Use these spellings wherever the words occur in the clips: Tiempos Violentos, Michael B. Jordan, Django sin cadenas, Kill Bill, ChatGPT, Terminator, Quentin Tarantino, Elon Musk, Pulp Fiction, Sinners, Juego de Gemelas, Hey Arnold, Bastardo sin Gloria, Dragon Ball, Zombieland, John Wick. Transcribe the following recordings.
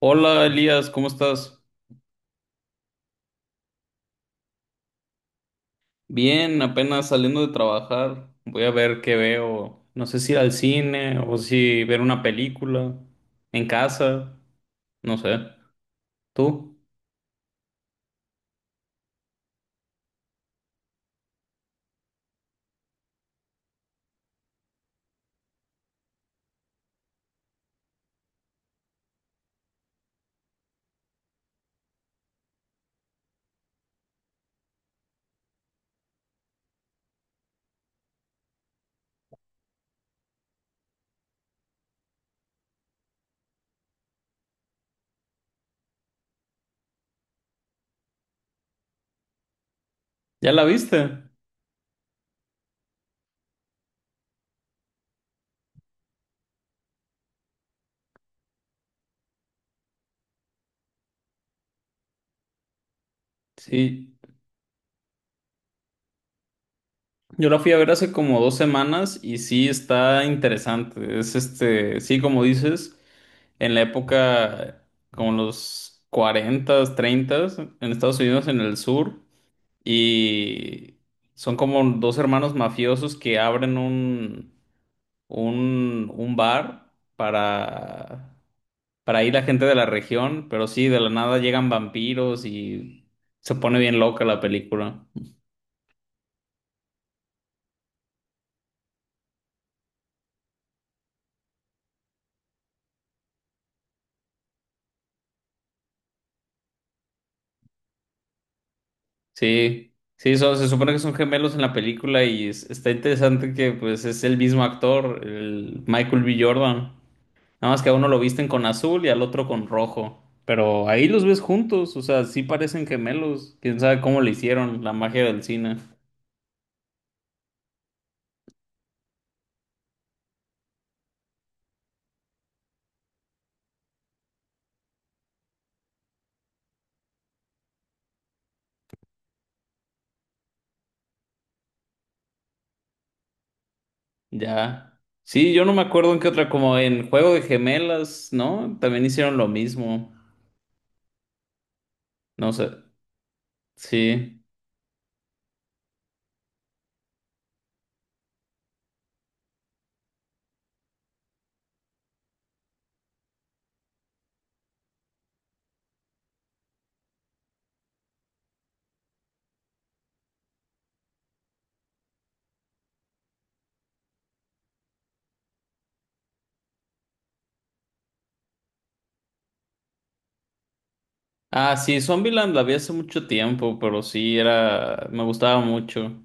Hola Elías, ¿cómo estás? Bien, apenas saliendo de trabajar. Voy a ver qué veo. No sé si ir al cine o si ver una película en casa. No sé. ¿Tú? ¿Ya la viste? Sí. Yo la fui a ver hace como 2 semanas y sí está interesante. Es este, sí, como dices, en la época como los cuarentas treintas en Estados Unidos, en el sur. Y son como dos hermanos mafiosos que abren un bar para ir la gente de la región, pero sí, de la nada llegan vampiros y se pone bien loca la película. Sí, sí, se supone que son gemelos en la película y está interesante que pues es el mismo actor, el Michael B. Jordan. Nada más que a uno lo visten con azul y al otro con rojo. Pero ahí los ves juntos, o sea, sí parecen gemelos. Quién sabe cómo le hicieron la magia del cine. Ya. Sí, yo no me acuerdo en qué otra, como en Juego de Gemelas, ¿no? También hicieron lo mismo. No sé. Sí. Ah, sí, Zombieland la vi hace mucho tiempo, pero sí era. Me gustaba mucho.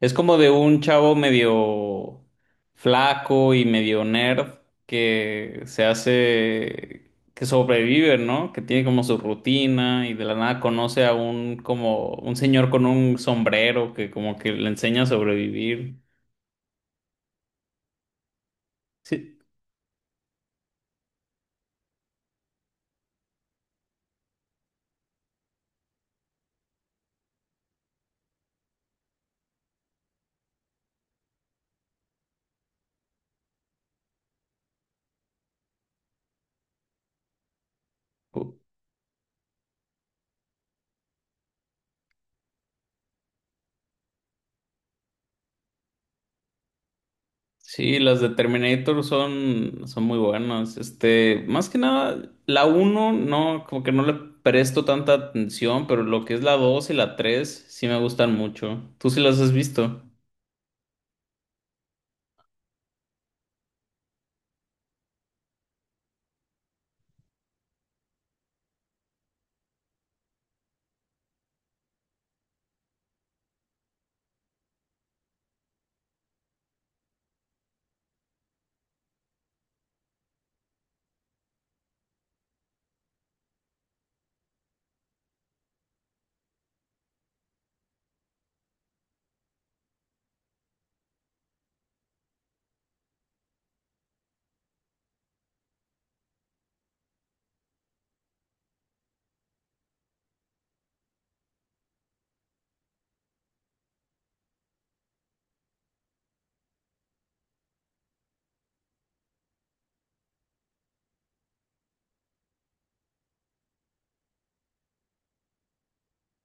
Es como de un chavo medio flaco y medio nerd que se hace, que sobrevive, ¿no? Que tiene como su rutina y de la nada conoce a un como un señor con un sombrero que como que le enseña a sobrevivir. Sí, u- sí, las de Terminator son muy buenas. Este, más que nada, la uno no, como que no le presto tanta atención, pero lo que es la 2 y la 3 sí me gustan mucho. ¿Tú sí las has visto?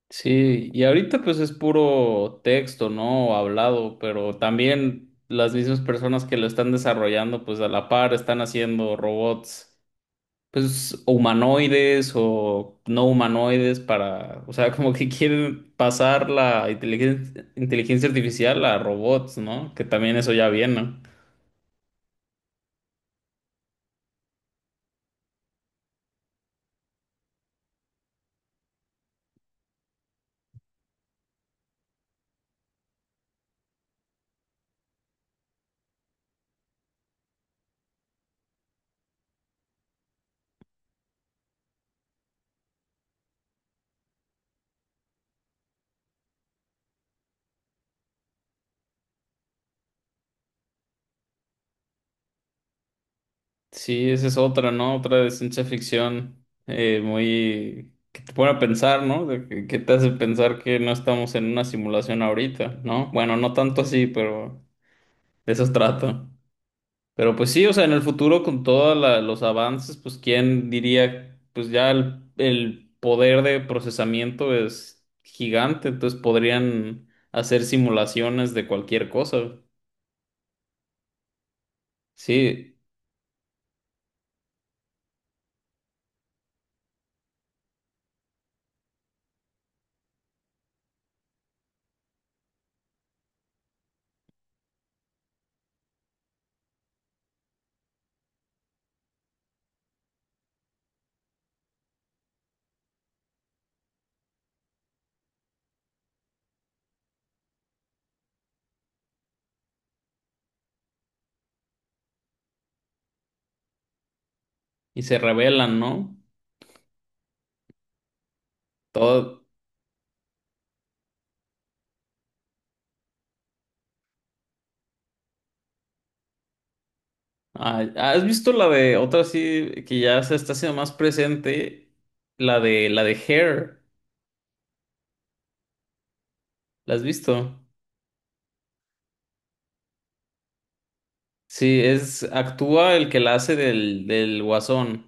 Sí, y ahorita pues es puro texto, ¿no? O hablado, pero también las mismas personas que lo están desarrollando, pues a la par están haciendo robots, pues humanoides o no humanoides para, o sea, como que quieren pasar la inteligencia artificial a robots, ¿no? Que también eso ya viene. ¿No? Sí, esa es otra, ¿no? Otra de ciencia ficción muy... que te pone a pensar, ¿no? De que te hace pensar que no estamos en una simulación ahorita, ¿no? Bueno, no tanto así, pero de eso trato. Pero pues sí, o sea, en el futuro con todos los avances, pues quién diría, pues ya el poder de procesamiento es gigante, entonces podrían hacer simulaciones de cualquier cosa. Sí, y se revelan, ¿no? Todo. Ah, ¿has visto la de otra sí que ya se está haciendo más presente? La de Hair. ¿La has visto? Sí, es actúa el que la hace del Guasón.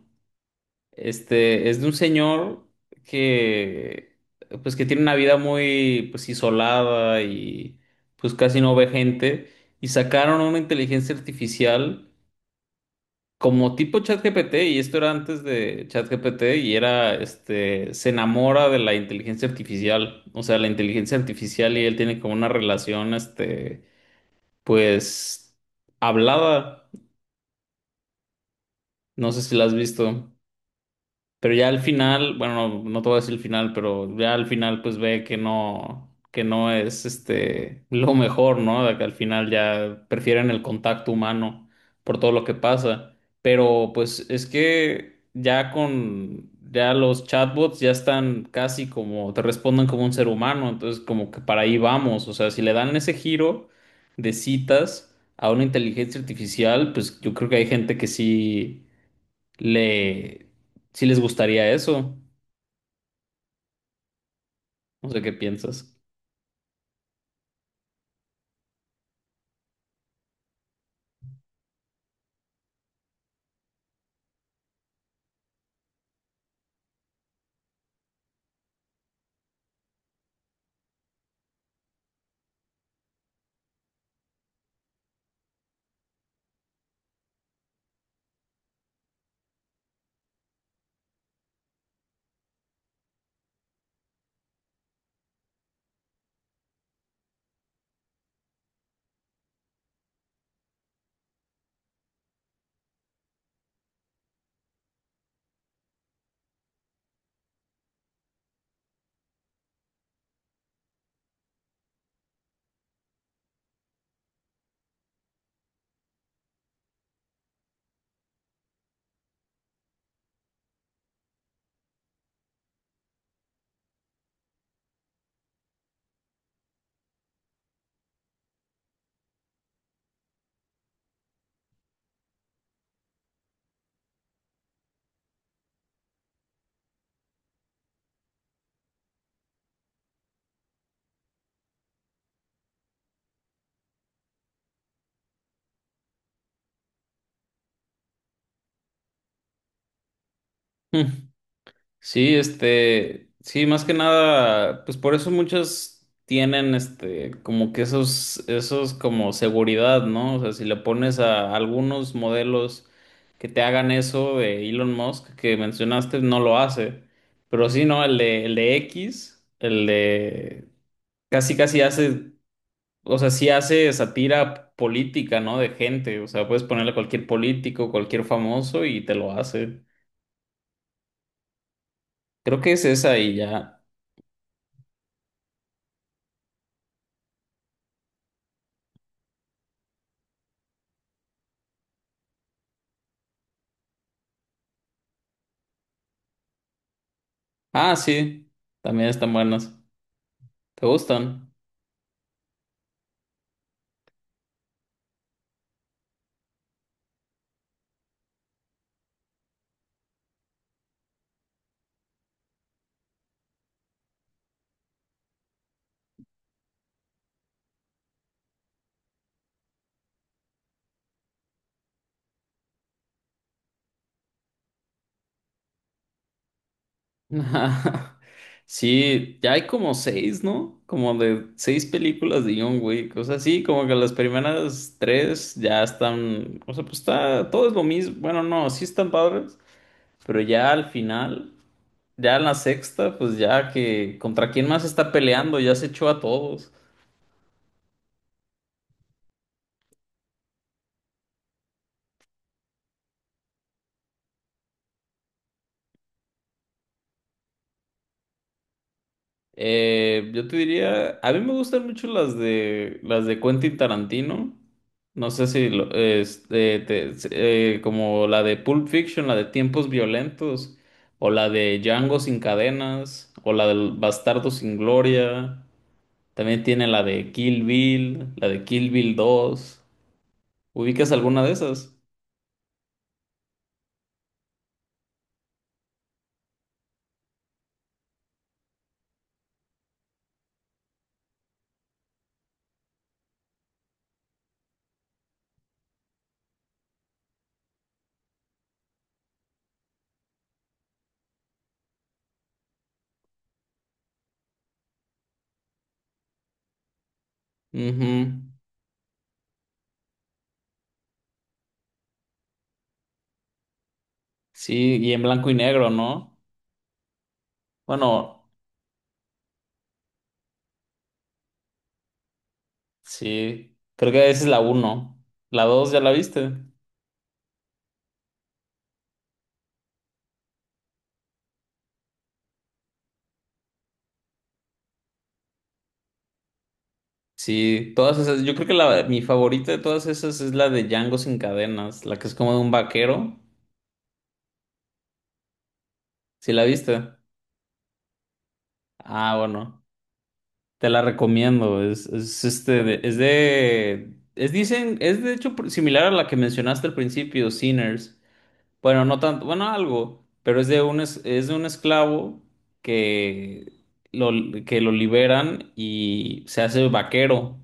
Este es de un señor que pues que tiene una vida muy pues isolada y pues casi no ve gente y sacaron una inteligencia artificial como tipo ChatGPT, y esto era antes de ChatGPT, y era, este, se enamora de la inteligencia artificial, o sea, la inteligencia artificial y él tiene como una relación, este, pues, hablada, no sé si la has visto. Pero ya al final, bueno, no, no te voy a decir el final, pero ya al final pues ve que no es este lo mejor, ¿no? De que al final ya prefieren el contacto humano por todo lo que pasa. Pero pues es que ya con, ya los chatbots ya están casi como, te responden como un ser humano, entonces como que para ahí vamos, o sea, si le dan ese giro de citas a una inteligencia artificial, pues yo creo que hay gente que sí le, si les gustaría eso. No sé qué piensas. Hmm. Sí, este, sí, más que nada, pues por eso muchos tienen, este, como que esos como seguridad, ¿no? O sea, si le pones a algunos modelos que te hagan eso de Elon Musk que mencionaste, no lo hace. Pero sí, ¿no? El de X, casi, casi hace. O sea, sí hace sátira política, ¿no? De gente. O sea, puedes ponerle a cualquier político, cualquier famoso y te lo hace. Creo que es esa y ya. Ah, sí. También están buenas. ¿Te gustan? Sí, ya hay como seis, ¿no? Como de seis películas de John Wick. O sea, sí, como que las primeras tres ya están. O sea, pues está. Todo es lo mismo. Bueno, no, sí están padres. Pero ya al final. Ya en la sexta, pues ya que contra quién más está peleando, ya se echó a todos. Yo te diría, a mí me gustan mucho las de Quentin Tarantino. No sé si este, como la de Pulp Fiction, la de Tiempos Violentos, o la de Django sin cadenas, o la del Bastardo sin Gloria. También tiene la de Kill Bill, la de Kill Bill dos. ¿Ubicas alguna de esas? Ujú. Sí, y en blanco y negro, ¿no? Bueno, sí, creo que esa es la uno. La dos ya la viste. Sí, todas esas, yo creo que la, mi favorita de todas esas es la de Django sin cadenas, la que es como de un vaquero. ¿Sí la viste? Ah, bueno, te la recomiendo. Es este, es dicen, es de hecho similar a la que mencionaste al principio, Sinners. Bueno, no tanto, bueno, algo, pero es de un esclavo que lo, que lo liberan y se hace vaquero.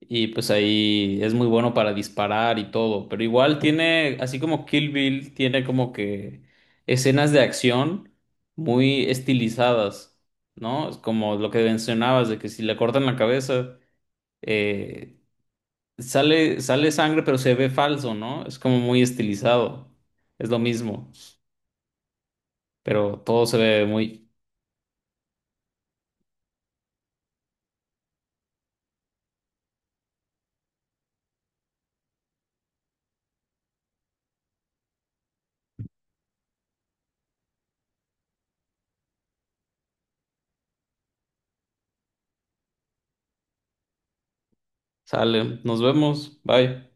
Y pues ahí es muy bueno para disparar y todo. Pero igual tiene, así como Kill Bill, tiene como que escenas de acción muy estilizadas, ¿no? Es como lo que mencionabas, de que si le cortan la cabeza, eh, sale sangre, pero se ve falso, ¿no? Es como muy estilizado. Es lo mismo, pero todo se ve muy... Sale, nos vemos, bye.